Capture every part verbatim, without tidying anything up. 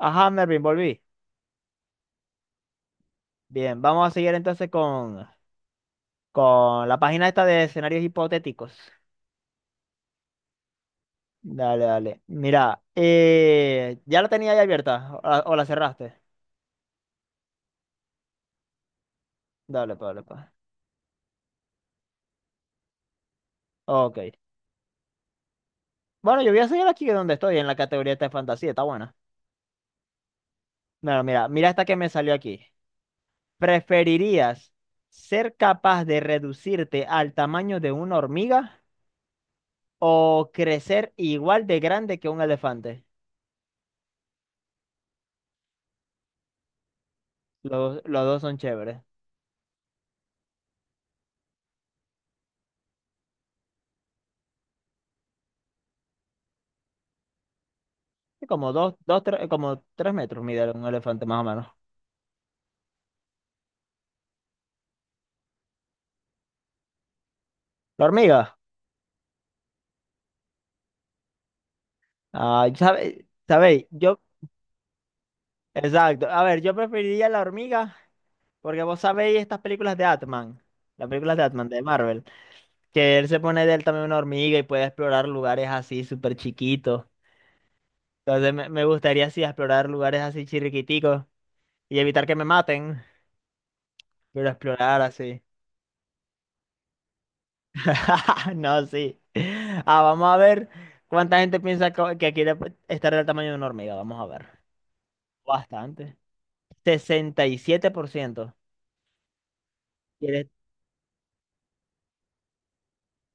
Ajá, Mervin, volví. Bien, vamos a seguir entonces con, con la página esta de escenarios hipotéticos. Dale, dale. Mira, eh, ya la tenía ahí abierta o la, o la cerraste. Dale, pa, dale, pa. Ok. Bueno, yo voy a seguir aquí donde estoy, en la categoría esta de fantasía, está buena. Bueno, mira, mira esta que me salió aquí. ¿Preferirías ser capaz de reducirte al tamaño de una hormiga o crecer igual de grande que un elefante? Los, los dos son chéveres. Sí, como dos, dos, tres, como tres metros mide un elefante más o menos. La hormiga. Ay, sabe- sabéis, yo, exacto. A ver, yo preferiría la hormiga porque vos sabéis estas películas de Atman, las películas de Atman de Marvel, que él se pone de él también una hormiga y puede explorar lugares así súper chiquitos. Entonces me, me gustaría así explorar lugares así chirriquiticos y evitar que me maten, pero explorar así. No, sí. Ah, vamos a ver cuánta gente piensa co- que quiere estar del tamaño de una hormiga. Vamos a ver. Bastante. sesenta y siete por ciento. Y siete por ciento. Y el-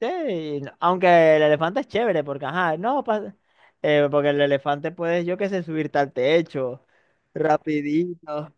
sí, no- aunque el elefante es chévere, porque, ajá, no, pa- eh, porque el elefante puede, yo qué sé, subirte al techo, rapidito.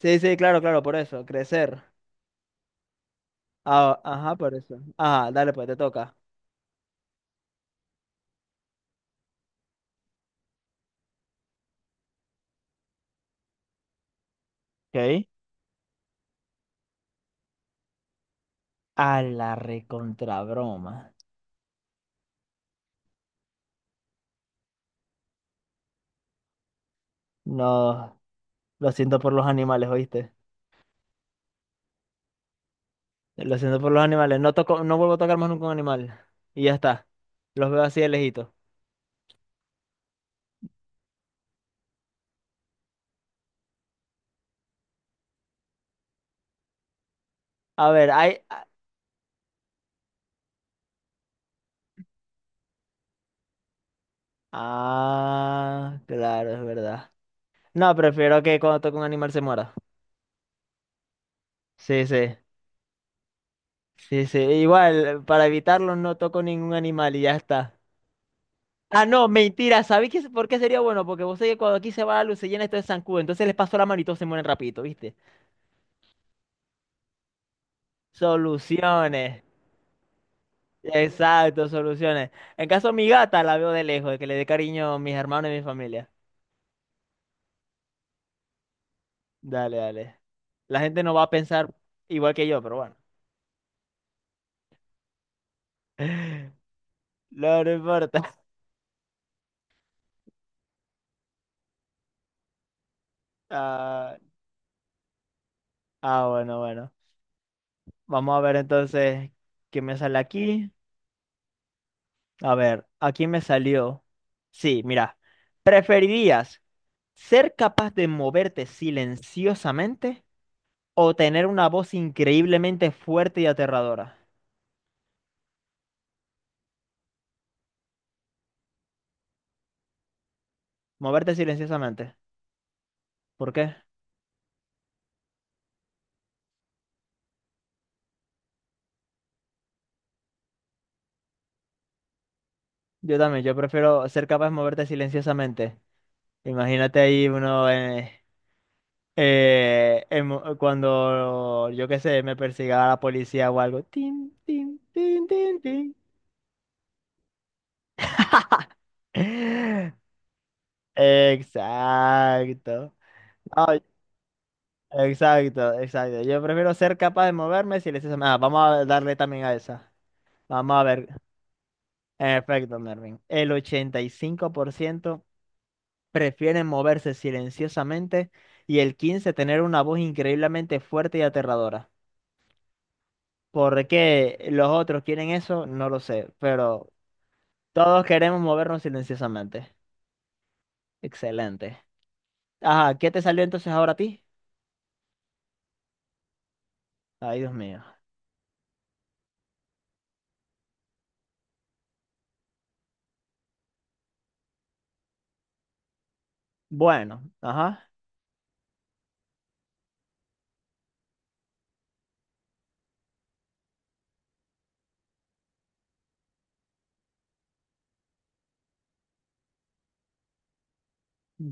Sí, sí, claro, claro, por eso, crecer. Ah, ajá, por eso. Ajá, dale, pues, te toca. Ok. A la recontrabroma. No, lo siento por los animales, ¿oíste? Lo siento por los animales. No toco, no vuelvo a tocar más nunca un animal. Y ya está. Los veo así de lejito. A ver, hay. Ah, claro, es verdad. No, prefiero que cuando toque un animal se muera. Sí, sí. Sí, sí. Igual, para evitarlo no toco ningún animal y ya está. Ah, no, mentira. ¿Sabéis qué- por qué sería bueno? Porque vos sabés que cuando aquí se va la luz se llena esto de zancudo. Entonces les paso la mano y todos se mueren rapidito, ¿viste? Soluciones. Exacto, soluciones. En caso de mi gata la veo de lejos, de que le dé cariño a mis hermanos y mi familia. Dale, dale. La gente no va a pensar igual que yo, pero bueno. No, no importa. Ah, Ah, bueno, bueno. Vamos a ver entonces qué me sale aquí. A ver, aquí me salió. Sí, mira. ¿Preferirías ser capaz de moverte silenciosamente o tener una voz increíblemente fuerte y aterradora? Moverte silenciosamente. ¿Por qué? Yo también, yo prefiero ser capaz de moverte silenciosamente. Imagínate ahí uno eh, eh, en mo- cuando, yo qué sé, me persiga la policía o algo. Tin, tin, tin, tin, tin. Exacto. No, exacto, exacto. Yo prefiero ser capaz de moverme si les hace- Ah, vamos a darle también a esa. Vamos a ver. En efecto, Mervin. El ochenta y cinco por ciento prefieren moverse silenciosamente y el quince por ciento tener una voz increíblemente fuerte y aterradora. ¿Por qué los otros quieren eso? No lo sé, pero todos queremos movernos silenciosamente. Excelente. Ajá, ¿qué te salió entonces ahora a ti? Ay, Dios mío. Bueno, ajá.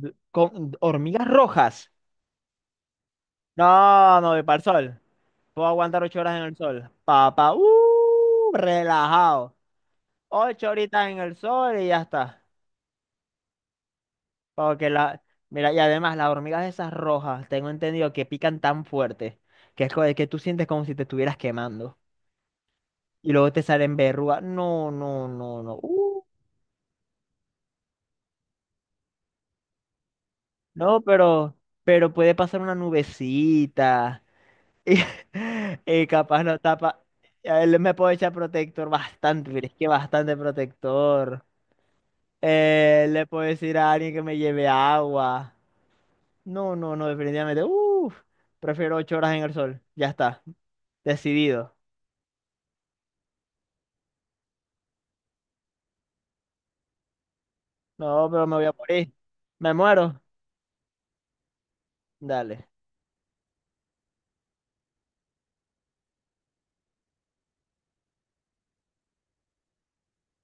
D- Con hormigas rojas. No, no, voy para el sol. Puedo aguantar ocho horas en el sol. Papá, uh, relajado. Ocho horitas en el sol y ya está. Porque la. Mira, y además las hormigas esas rojas, tengo entendido que pican tan fuerte que es co- que tú sientes como si te estuvieras quemando. Y luego te salen verrugas. No, no, no, no. Uh, no, pero, pero puede pasar una nubecita. Y, y capaz no tapa. A él me puedo echar protector bastante, mire, es que bastante protector. Eh, le puedo decir a alguien que me lleve agua. No, no, no, definitivamente. Uf, prefiero ocho horas en el sol. Ya está, decidido. No, pero me voy a morir. Me muero. Dale.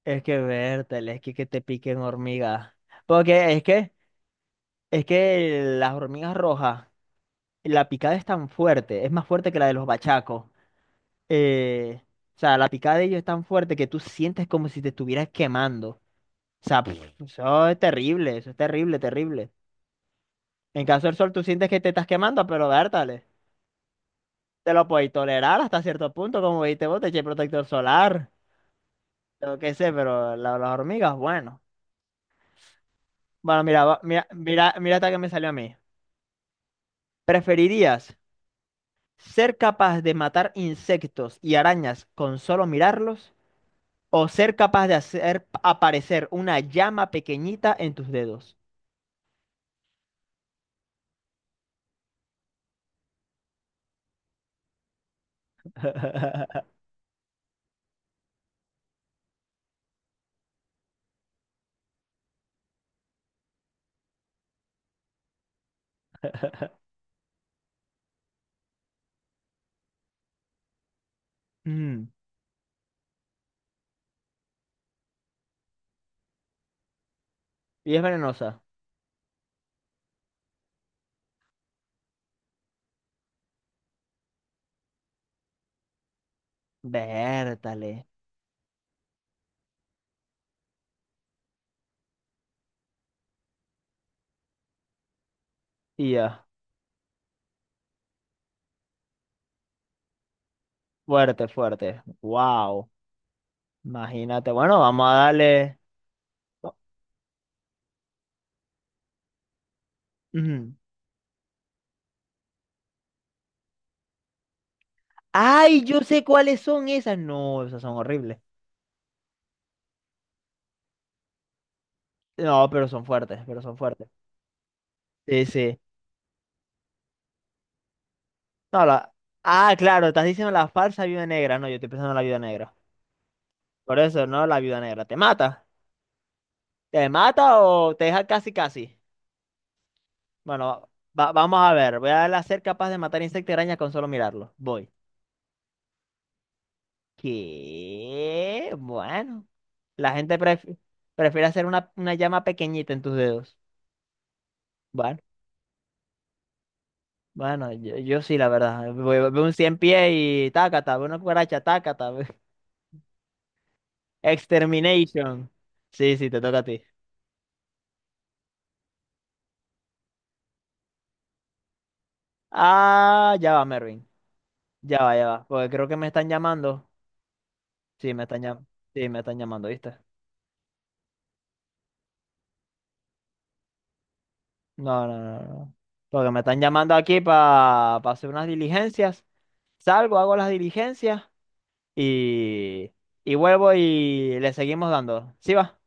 Es que vértele, es que, que te piquen hormigas. Porque es que, es que las hormigas rojas, la picada es tan fuerte, es más fuerte que la de los bachacos. eh, o sea, la picada de ellos es tan fuerte que tú sientes como si te estuvieras quemando. O sea, pf, eso es terrible, eso es terrible, terrible. En caso del sol, tú sientes que te estás quemando, pero vértale. Te lo puedes tolerar hasta cierto punto, como viste vos, te eché protector solar, yo qué sé, pero la- las hormigas, bueno. Bueno, mira, va- mira, mira, mira hasta que me salió a mí. ¿Preferirías ser capaz de matar insectos y arañas con solo mirarlos? O ser capaz de hacer aparecer una llama pequeñita en tus dedos. Mm, y es venenosa. Vértale. Y ya. Fuerte, fuerte. Wow. Imagínate. Bueno, vamos a darle. Oh, ujú. ¡Ay! Yo sé cuáles son esas. No, esas son horribles. No, pero son fuertes, pero son fuertes. Sí, sí. No, la... Ah, claro, estás diciendo la falsa viuda negra. No, yo estoy pensando en la viuda negra. Por eso, no, la viuda negra. ¿Te mata? ¿Te mata o te deja casi casi? Bueno, va- vamos a ver. Voy a ser capaz de matar insectos y arañas con solo mirarlo. Voy. ¿Qué? Bueno. La gente prefi- prefiere hacer una, una llama pequeñita en tus dedos. Bueno, bueno, yo, yo sí, la verdad. Veo veo un cien pies y tácata, veo una cucaracha, tácata. ve- Extermination. Sí, sí, te toca a ti. Ah, ya va, Mervin. Ya va, ya va. Porque creo que me están llamando. Sí, me están llamando. Sí, me están llamando, ¿viste? No, no, no, no. Porque me están llamando aquí para hacer unas diligencias. Salgo, hago las diligencias y, y vuelvo y le seguimos dando. ¿Sí va?